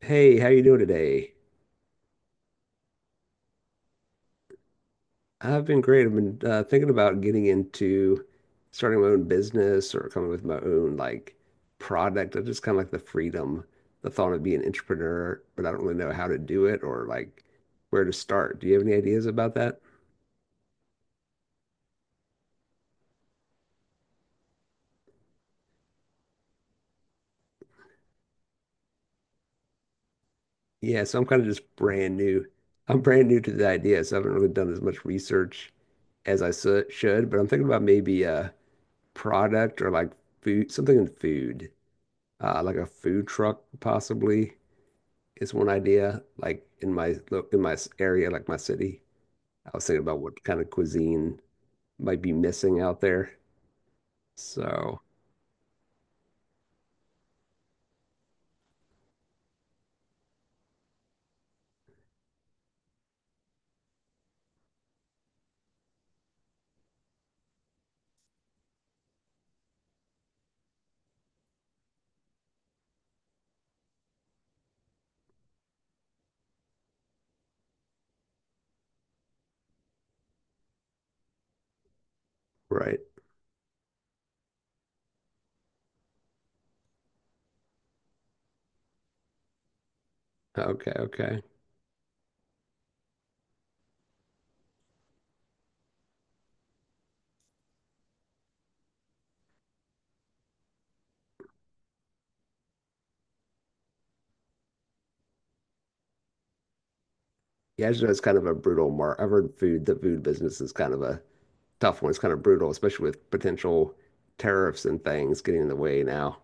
Hey, how you doing today? I've been great. I've been thinking about getting into starting my own business or coming with my own product. I just kind of like the freedom, the thought of being an entrepreneur, but I don't really know how to do it or like where to start. Do you have any ideas about that? Yeah, so I'm kind of just brand new. I'm brand new to the idea, so I haven't really done as much research as should, but I'm thinking about maybe a product or like food, something in food, like a food truck possibly. Is one idea. Like in my area, like my city, I was thinking about what kind of cuisine might be missing out there. So, right. Okay, okay. Yeah, I just know it's kind of a brutal mark. I've heard food, the food business is kind of a tough one. It's kind of brutal, especially with potential tariffs and things getting in the way now.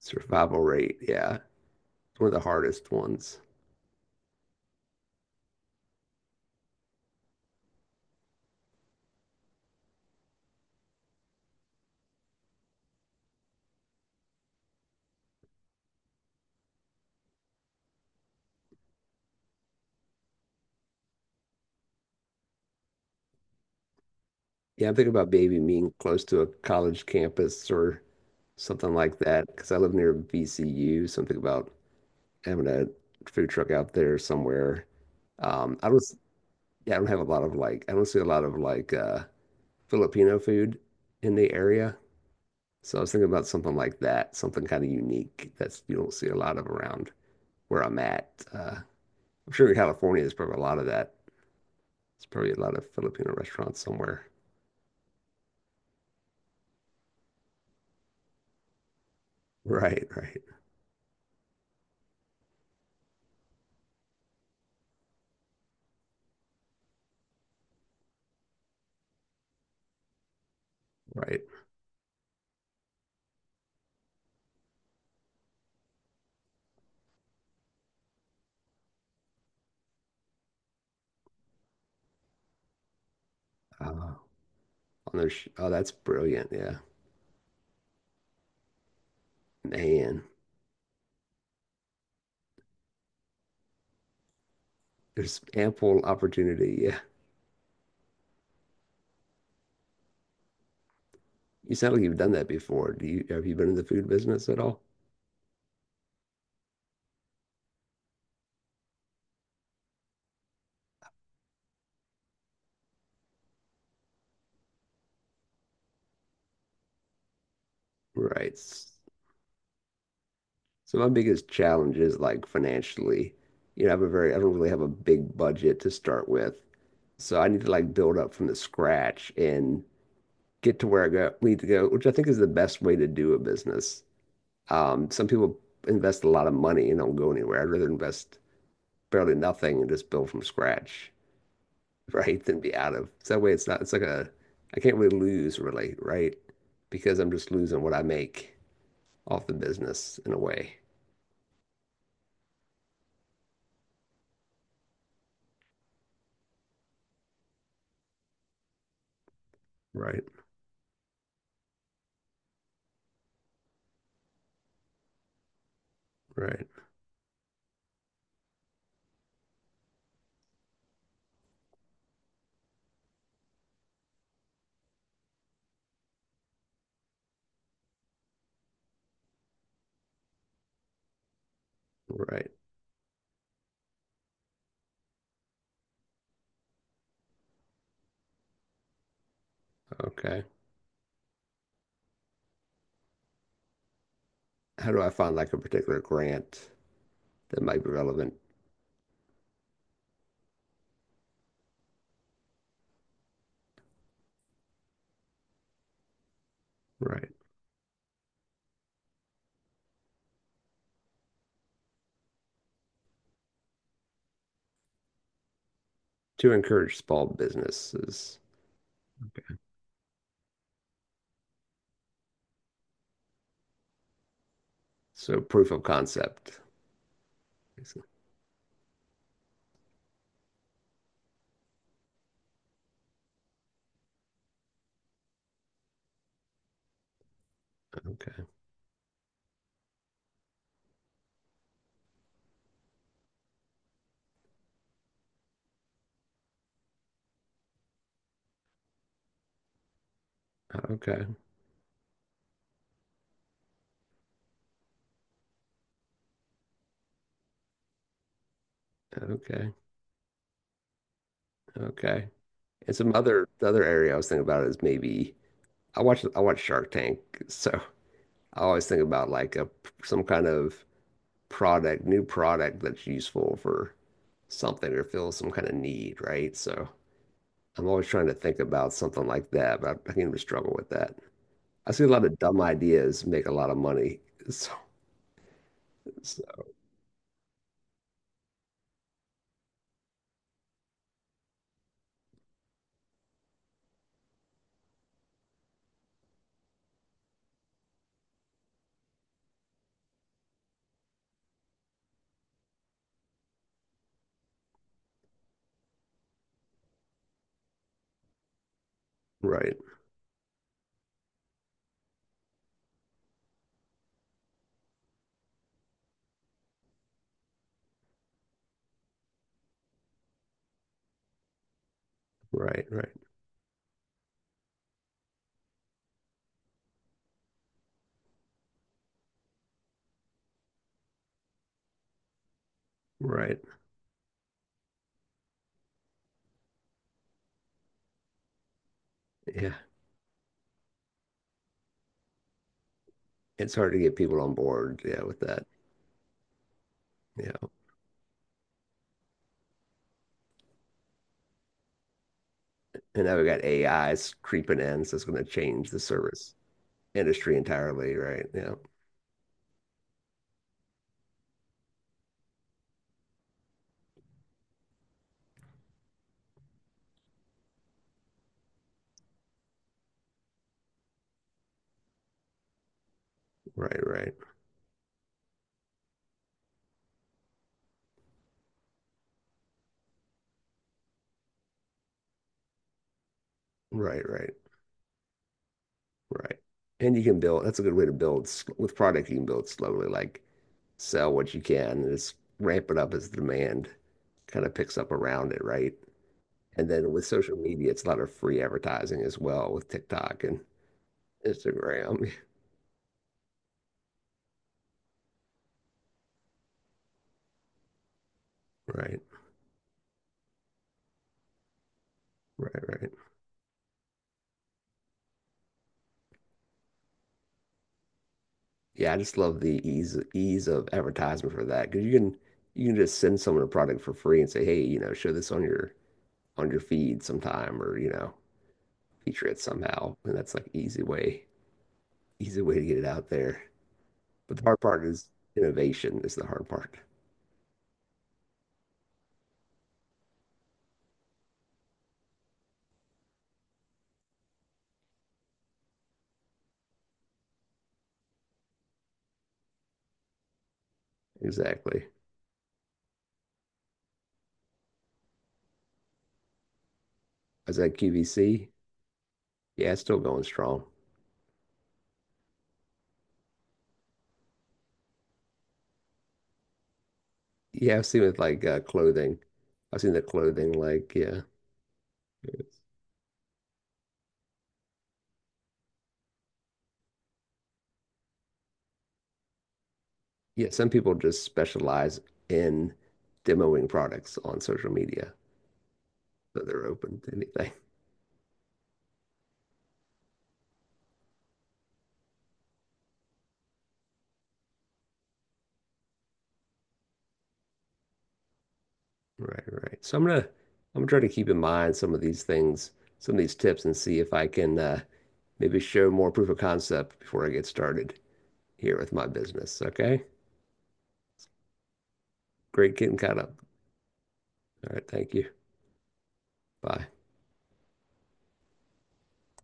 Survival rate, yeah. It's one of the hardest ones. Yeah, I'm thinking about maybe being close to a college campus or something like that because I live near VCU. Something about having a food truck out there somewhere. I don't, s- Yeah, I don't have a lot of like, I don't see a lot of Filipino food in the area. So I was thinking about something like that, something kind of unique that's you don't see a lot of around where I'm at. Uh, I'm sure in California there's probably a lot of that. There's probably a lot of Filipino restaurants somewhere. Right, right, right. On their sh oh, that's brilliant. Yeah, man, there's ample opportunity. Yeah, you sound like you've done that before. Do you have you been in the food business at all? Right. So my biggest challenge is like financially. You know, I have a very, I don't really have a big budget to start with. So I need to like build up from the scratch and get to where need to go, which I think is the best way to do a business. Some people invest a lot of money and don't go anywhere. I'd rather invest barely nothing and just build from scratch, right? Than be out of. So that way it's not, it's like a, I can't really lose really, right? Because I'm just losing what I make off the business in a way. Right. Right. Right. Okay. How do I find like a particular grant that might be relevant? Right. To encourage small businesses. Okay. So proof of concept. Okay. Okay. Okay. Okay. And some other the other area I was thinking about is maybe I watch Shark Tank, so I always think about like a some kind of product, new product that's useful for something or fills some kind of need, right? So I'm always trying to think about something like that, but I, can even struggle with that. I see a lot of dumb ideas make a lot of money. So, so- right, right, right, right. Yeah. It's hard to get people on board, yeah, with that. Yeah. And now we have got AIs creeping in, so it's going to change the service industry entirely, right? Yeah. Right, right, right, right. And you can build, that's a good way to with product, you can build slowly, like sell what you can and just ramp it up as the demand kind of picks up around it, right? And then with social media, it's a lot of free advertising as well with TikTok and Instagram. Right, right, right. Yeah, I just love the ease of advertisement for that because you can just send someone a product for free and say, hey, you know, show this on your feed sometime or you know feature it somehow, and that's like easy way to get it out there. But the hard part is innovation is the hard part. Exactly. Is that QVC? Yeah, it's still going strong. Yeah, I've seen with clothing. I've seen the clothing like yeah. Yes. Yeah, some people just specialize in demoing products on social media, so they're open to anything. Right, right. So I'm gonna try to keep in mind some of these things, some of these tips and see if I can maybe show more proof of concept before I get started here with my business. Okay? Great getting caught up. All right, thank you. Bye.